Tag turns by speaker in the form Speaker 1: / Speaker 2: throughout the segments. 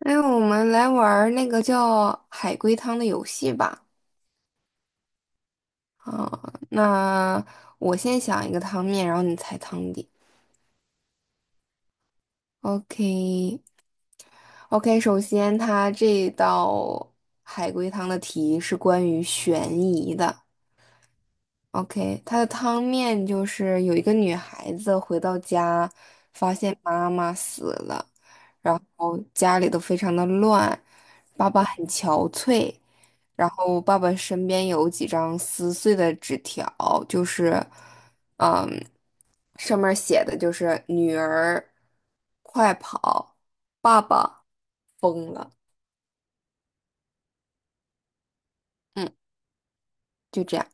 Speaker 1: 哎，我们来玩儿那个叫海龟汤的游戏吧。啊，那我先想一个汤面，然后你猜汤底。OK，OK，首先它这道海龟汤的题是关于悬疑的。OK，它的汤面就是有一个女孩子回到家，发现妈妈死了，然后家里都非常的乱，爸爸很憔悴。然后爸爸身边有几张撕碎的纸条，就是，嗯，上面写的就是"女儿，快跑，爸爸疯了"，嗯，就这样，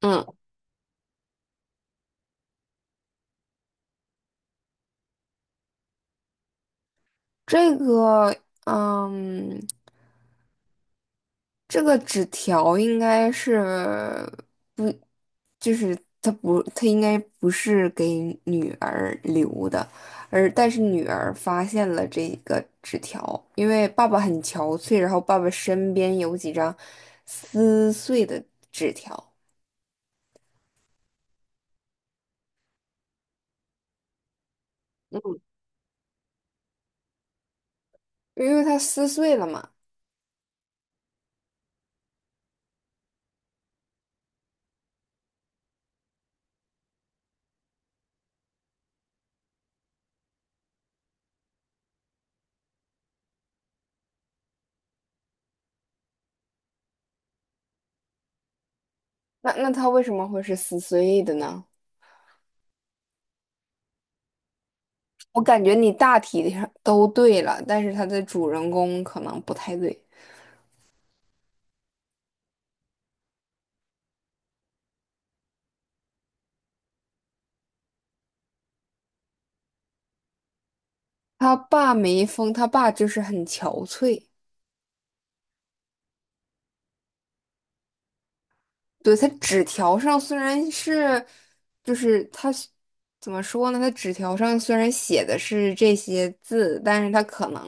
Speaker 1: 嗯，这个，嗯，这个纸条应该是。不。就是他应该不是给女儿留的，而但是女儿发现了这个纸条，因为爸爸很憔悴，然后爸爸身边有几张撕碎的纸条，嗯，因为他撕碎了嘛。那他为什么会是撕碎的呢？我感觉你大体上都对了，但是他的主人公可能不太对。他爸没疯，他爸就是很憔悴。对，它纸条上虽然是，就是它是怎么说呢？它纸条上虽然写的是这些字，但是它可能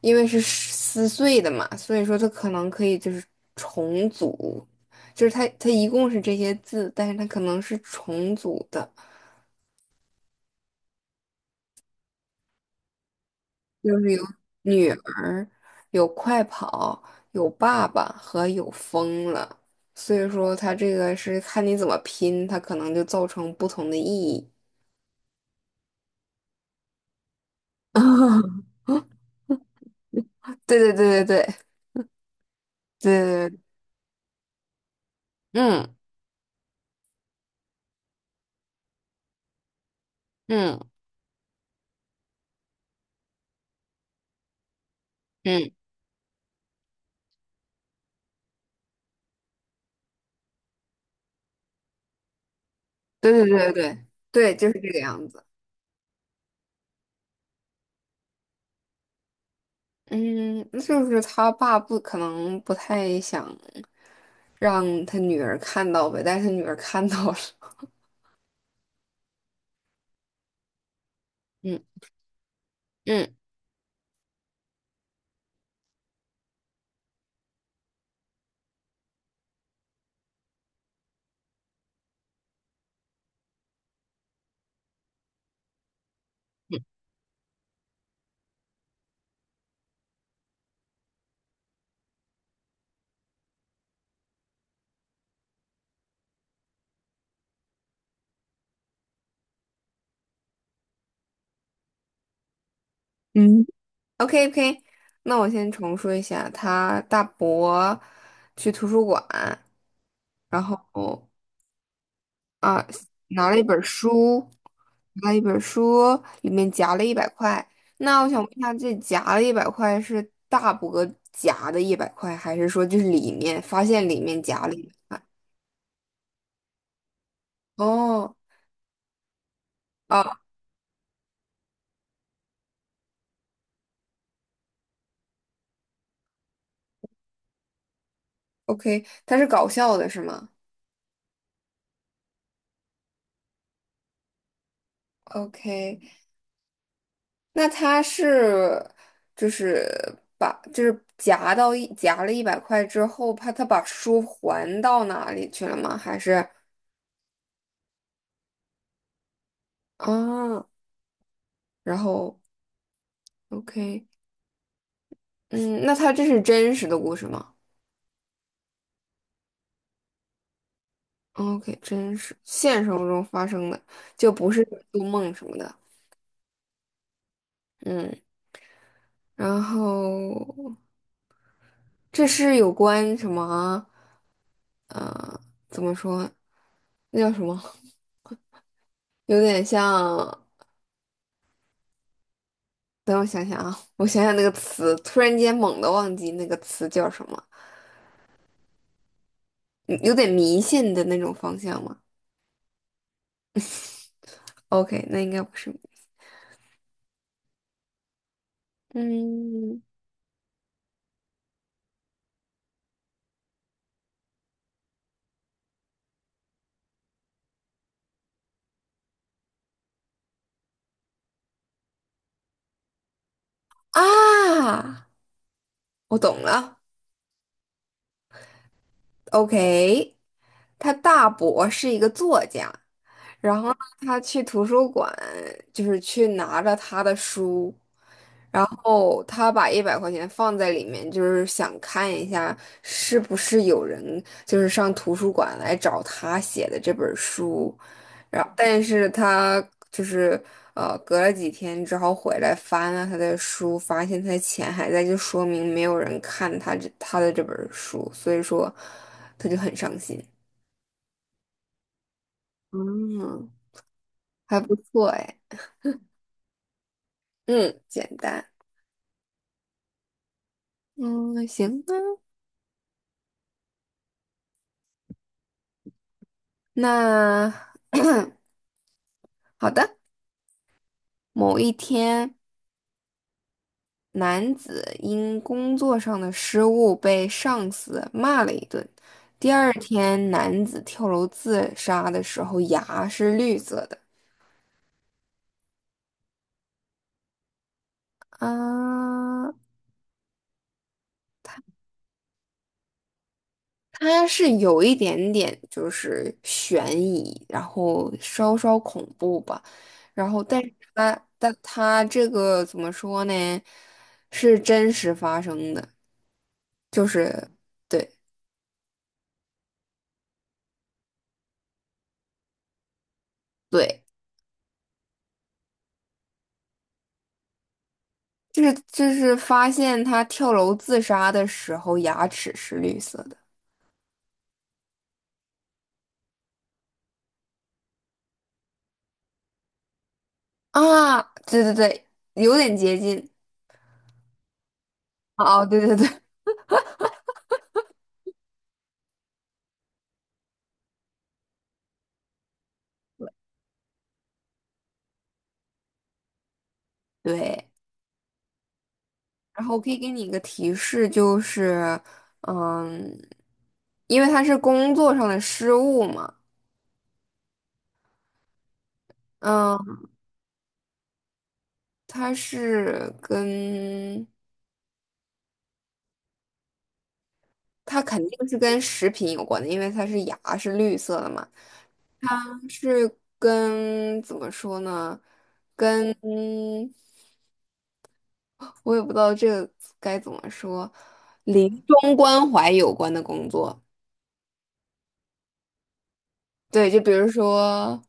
Speaker 1: 因为是撕碎的嘛，所以说它可能可以就是重组，就是它一共是这些字，但是它可能是重组的，就是有女儿，有快跑，有爸爸和有疯了，所以说它这个是看你怎么拼，它可能就造成不同的意义。啊，对对对对对对对，嗯嗯嗯，对对对对对，对，就是这个样子。嗯，那就是他爸不可能不太想让他女儿看到呗，但是他女儿看到了。嗯嗯嗯 o k o k 那我先重说一下，他大伯去图书馆，然后啊，拿了一本书，拿了一本书，里面夹了一百块。那我想问一下，这夹了一百块是大伯夹的一百块，还是说就是里面发现里面夹了一哦，啊，OK，他是搞笑的是吗？OK，那他是就是把就是夹了一百块之后，怕他把书还到哪里去了吗？还是啊，然后 OK。嗯，那它这是真实的故事吗哦？OK，真实，现实生活中发生的，就不是做梦什么的。嗯，然后这是有关什么？呃，怎么说？那叫什么？有点像，等我想想啊，我想想那个词，突然间猛地忘记那个词叫什么，嗯有点迷信的那种方向吗？OK，那应该不是。嗯啊，我懂了。OK。他大伯是一个作家，然后呢他去图书馆，就是去拿着他的书，然后他把100块钱放在里面，就是想看一下是不是有人就是上图书馆来找他写的这本书，然后但是他就是隔了几天之后回来翻了他的书，发现他的钱还在，就说明没有人看他的这本书，所以说他就很伤心。嗯，还不错哎，嗯，简单，嗯，行吧。那好的，某一天，男子因工作上的失误被上司骂了一顿。第二天，男子跳楼自杀的时候，牙是绿色的。啊，它是有一点点就是悬疑，然后稍稍恐怖吧，然后但是但它这个怎么说呢，是真实发生的，就是对对，就是发现他跳楼自杀的时候牙齿是绿色的啊，对对对，有点接近，哦，对对对对。然后我可以给你一个提示，就是，嗯，因为它是工作上的失误嘛，嗯，它是跟它肯定是跟食品有关的，因为它是牙是绿色的嘛，是跟怎么说呢？跟我也不知道这个该怎么说，临终关怀有关的工作，对，就比如说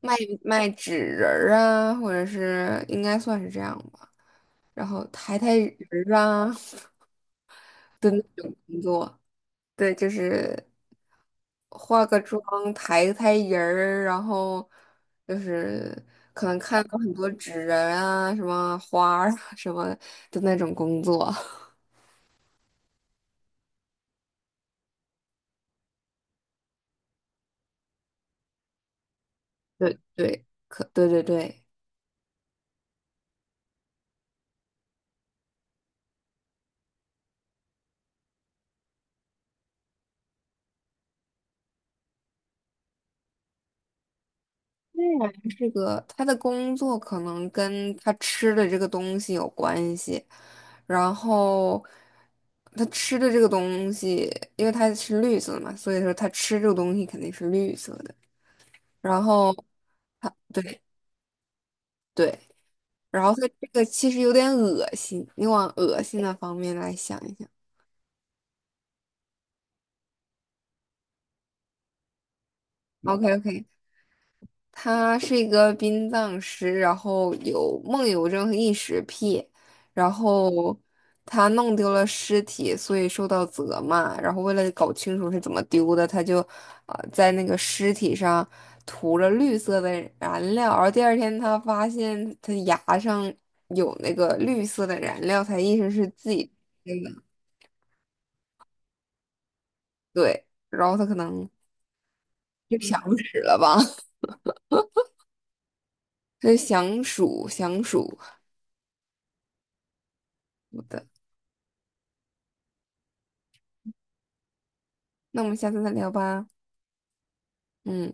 Speaker 1: 卖卖纸人儿啊，或者是应该算是这样吧。然后抬抬人儿啊的那种工作。对，就是化个妆、抬抬人儿，然后就是可能看到很多纸人啊、什么花儿啊什么的那种工作。对对，可对对对。这个他的工作可能跟他吃的这个东西有关系，然后他吃的这个东西，因为他是绿色的嘛，所以说他吃这个东西肯定是绿色的。然后对对，然后它这个其实有点恶心，你往恶心的方面来想一想。OK OK，他是一个殡葬师，然后有梦游症和异食癖，然后他弄丢了尸体，所以受到责骂。然后为了搞清楚是怎么丢的，他就在那个尸体上涂了绿色的燃料，然后第二天他发现他牙上有那个绿色的燃料，他意识是自己真的对，然后他可能就想死了吧，这是想鼠想鼠。好的，那我们下次再聊吧。嗯，